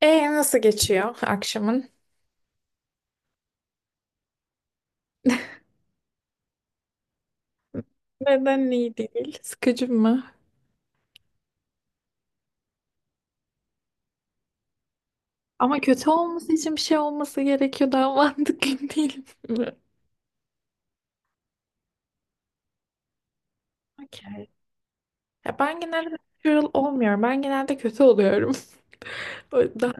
E nasıl geçiyor akşamın? Neden iyi değil? Sıkıcı mı? Ama kötü olması için bir şey olması gerekiyor. Daha mantıklı değil mi? Okey. Ya ben genelde natural olmuyorum. Ben genelde kötü oluyorum. O yüzden-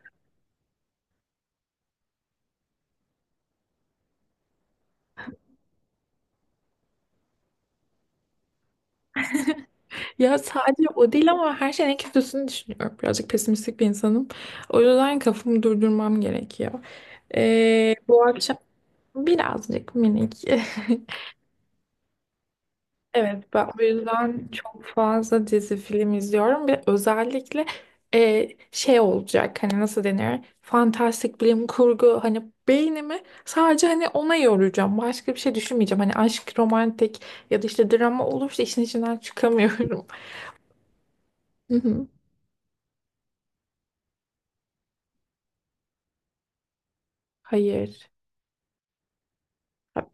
Ya sadece o değil ama her şeyin en kötüsünü düşünüyorum. Birazcık pesimistik bir insanım. O yüzden kafamı durdurmam gerekiyor. Bu akşam birazcık minik. Evet, ben o yüzden çok fazla dizi film izliyorum ve özellikle şey olacak hani nasıl denir fantastik bilim kurgu hani beynimi sadece hani ona yoracağım başka bir şey düşünmeyeceğim hani aşk romantik ya da işte drama olursa işin içinden çıkamıyorum. Hı hı. Hayır,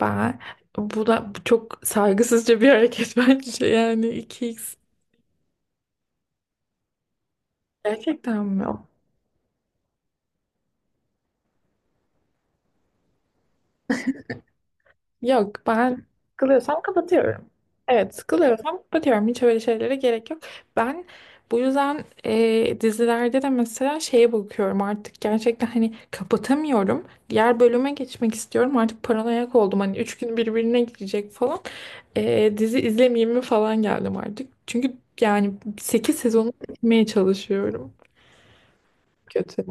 ben bu çok saygısızca bir hareket bence yani 2x gerçekten mi? Yok, ben sıkılıyorsam kapatıyorum. Evet, sıkılıyorsam kapatıyorum. Hiç öyle şeylere gerek yok. Ben bu yüzden dizilerde de mesela şeye bakıyorum artık gerçekten hani kapatamıyorum. Diğer bölüme geçmek istiyorum. Artık paranoyak oldum. Hani üç gün birbirine girecek falan. Dizi izlemeyeyim mi falan geldim artık. Çünkü yani 8 sezonu bitirmeye çalışıyorum. Kötü.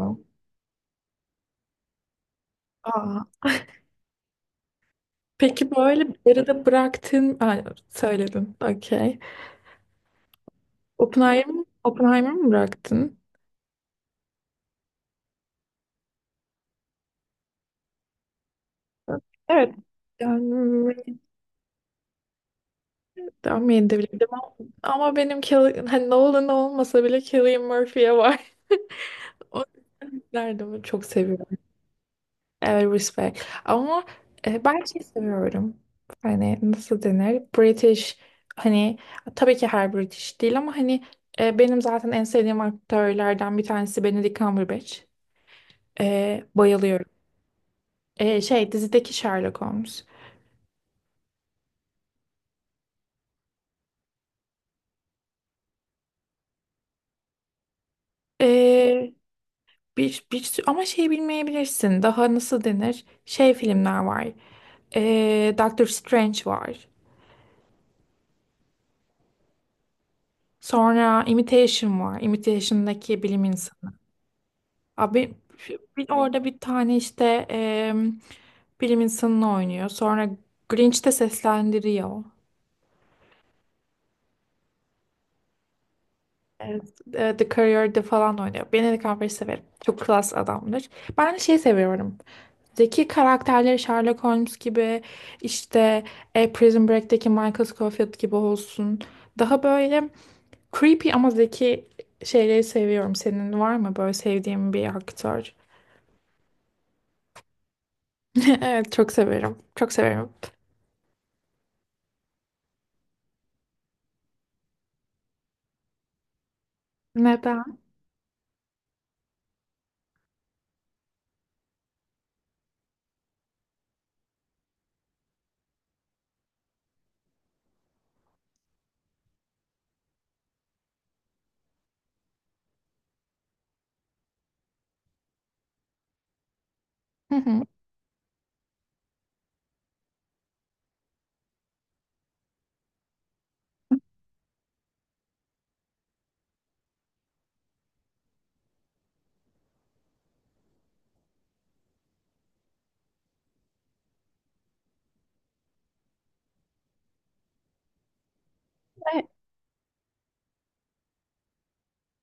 Aa. Peki böyle arada bıraktın. Aa, söyledin. Okey. Oppenheimer, Oppenheimer mı bıraktın? Evet. Yani tahmin edebilirdim ama ama benim Kill- hani Nolan olmasa bile Cillian Murphy'ye var. O yüzden çok seviyorum. Evet, respect. Ama ben şey seviyorum. Hani nasıl denir? British hani, tabii ki her British değil ama hani, benim zaten en sevdiğim aktörlerden bir tanesi Benedict Cumberbatch. Bayılıyorum. Şey dizideki Sherlock Holmes. E, bir sü- ama şey bilmeyebilirsin. Daha nasıl denir? Şey filmler var. Doctor Strange var. Sonra Imitation var. Imitation'daki bilim insanı. Abi, orada bir tane işte em, bilim insanını oynuyor. Sonra Grinch'te seslendiriyor. Evet, The Courier'de falan oynuyor. Benedict Cumberbatch'i severim. Çok klas adamdır. Ben hani şey seviyorum. Zeki karakterleri Sherlock Holmes gibi, işte, Prison Break'teki Michael Scofield gibi olsun. Daha böyle creepy ama zeki şeyleri seviyorum. Senin var mı böyle sevdiğin bir aktör? Evet, çok severim. Çok severim. Neden? Hı hı. Ve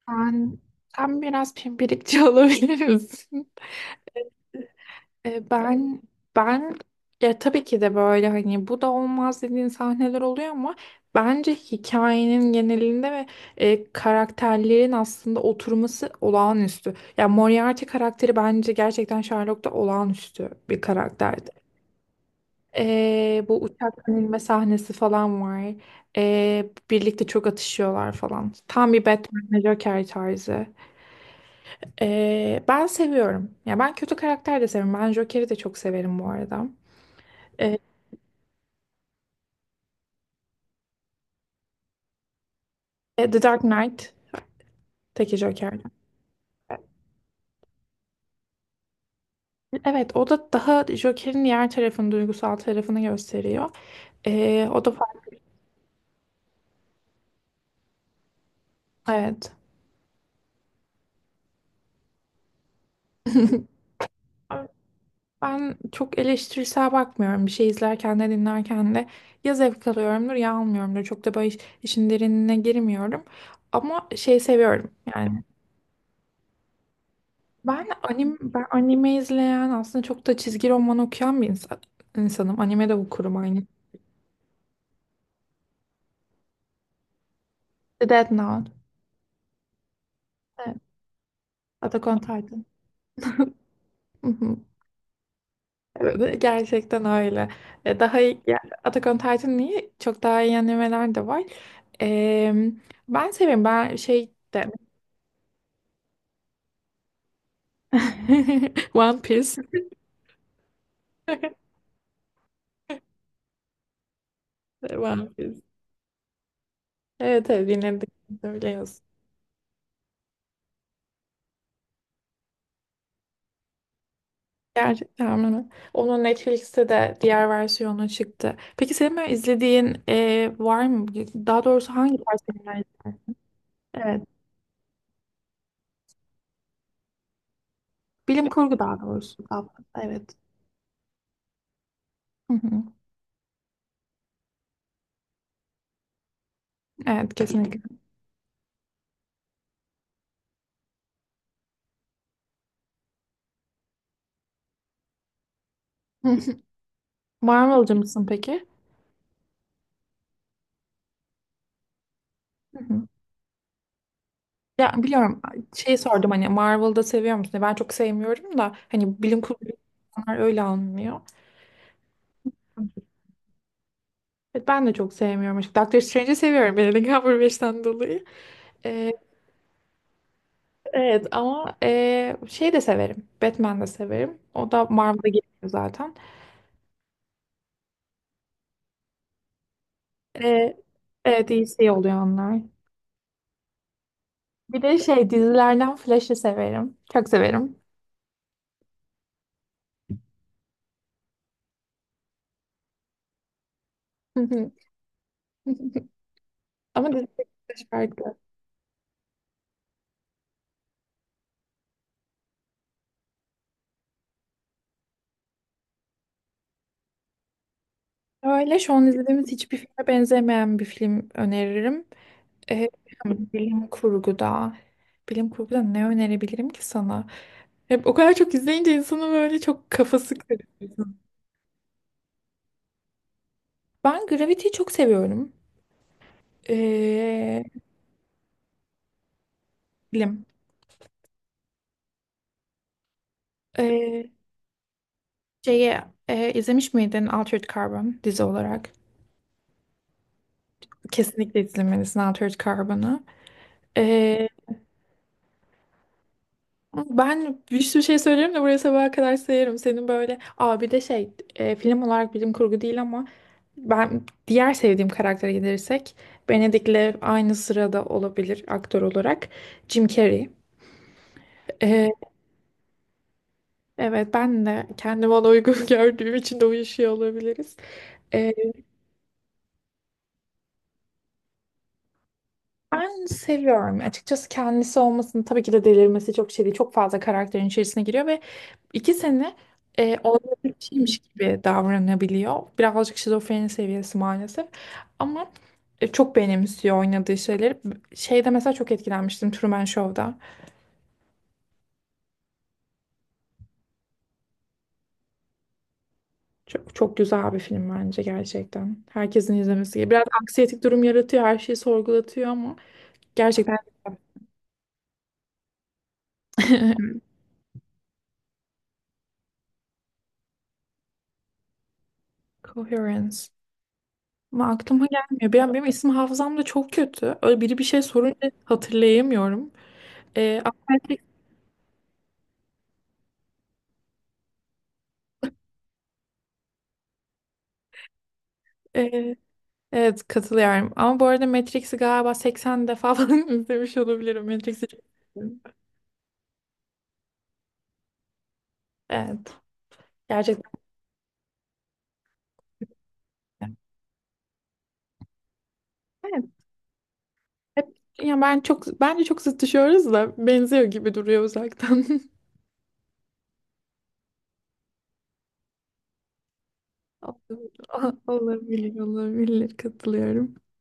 sen, sen biraz pimpirikçi olabilir misin? E, Ben ben ya tabii ki de böyle hani bu da olmaz dediğin sahneler oluyor ama bence hikayenin genelinde ve karakterlerin aslında oturması olağanüstü. Ya Moriarty karakteri bence gerçekten Sherlock'ta olağanüstü bir karakterdi. Bu uçak inme sahnesi falan var. Birlikte çok atışıyorlar falan. Tam bir Batman Joker tarzı. Ben seviyorum. Ya ben kötü karakter de severim. Ben Joker'i de çok severim bu arada. The Dark Knight'taki Joker. Evet, o da daha Joker'in diğer tarafını, duygusal tarafını gösteriyor. O da farklı. Evet. Ben çok eleştirisel bakmıyorum. Bir şey izlerken de dinlerken de ya zevk alıyorumdur ya almıyorumdur. Çok da böyle iş- işin derinine girmiyorum. Ama şey seviyorum yani. Ben anime, ben anime izleyen aslında çok da çizgi roman okuyan bir insan, insanım. Anime de okurum aynı. The Death Note. Evet. Attack on Titan. Evet, gerçekten öyle. Daha iyi, ya, Attack on Titan'ın iyi, çok daha iyi animeler de var. E, Ben seviyorum. Ben şey de One Piece. One Piece. Evet, evet, yine de söylüyorsun. Gerçekten öyle. Onun Netflix'te de diğer versiyonu çıktı. Peki senin böyle izlediğin var mı? Daha doğrusu hangi tarz filmler izliyorsun? Evet. Bilim kurgu daha doğrusu. Daha fazla, evet. Hı hı. Evet, kesinlikle. Marvel'cı mısın peki? Ya biliyorum, şey sordum hani Marvel'da seviyor musun diye. Ben çok sevmiyorum da hani bilim kurgu insanlar öyle almıyor. Evet, ben de çok sevmiyorum, açıkçası. Doctor Strange'i seviyorum Benedict Cumberbatch'ten dolayı. Ee, evet ama şey de severim. Batman de severim. O da Marvel'da geliyor zaten. Ee, evet, DC oluyor onlar. Bir de şey dizilerden Flash'ı severim. Çok severim. Ama dizi farklı. Öyle şu an izlediğimiz hiçbir filme benzemeyen bir film öneririm. Ee, Bilim kurguda. Bilim kurguda ne önerebilirim ki sana? Hep o kadar çok izleyince insanın böyle çok kafası karışıyor. Ben Gravity'yi çok seviyorum. Ee, Bilim. Ee, Şeyi izlemiş miydin Altered Carbon dizi olarak? Kesinlikle izlemelisin Altered Carbon'ı. Ee, Ben bir sürü şey söylerim de buraya sabaha kadar sayarım. Senin böyle abi de şey, film olarak bilim kurgu değil ama ben diğer sevdiğim karaktere gelirsek Benedict'le aynı sırada olabilir aktör olarak Jim Carrey. Ee, evet, ben de kendime ona uygun gördüğüm için de uyuşuyor olabiliriz. Ee, Ben seviyorum. Açıkçası kendisi olmasını tabii ki de delirmesi çok şey değil. Çok fazla karakterin içerisine giriyor ve iki sene olacak bir şeymiş gibi davranabiliyor. Birazcık şizofreni seviyesi maalesef. Ama çok benimsiyor oynadığı şeyleri. Şeyde mesela çok etkilenmiştim Truman Show'da. Çok, çok güzel bir film bence gerçekten. Herkesin izlemesi gerekiyor. Biraz anksiyetik durum yaratıyor, her şeyi sorgulatıyor ama gerçekten güzel. Coherence. Ama aklıma gelmiyor. Benim isim hafızam da çok kötü. Öyle biri bir şey sorunca hatırlayamıyorum. Ama Matrix, e, evet, katılıyorum. Ama bu arada Matrix'i galiba 80 defa falan izlemiş olabilirim. Matrix'i çok seviyorum. Evet. Gerçekten. Evet. Hep, ya ben çok, bence çok zıt düşüyoruz da benziyor gibi duruyor uzaktan. Olabilir, olabilir, olabilir. Katılıyorum.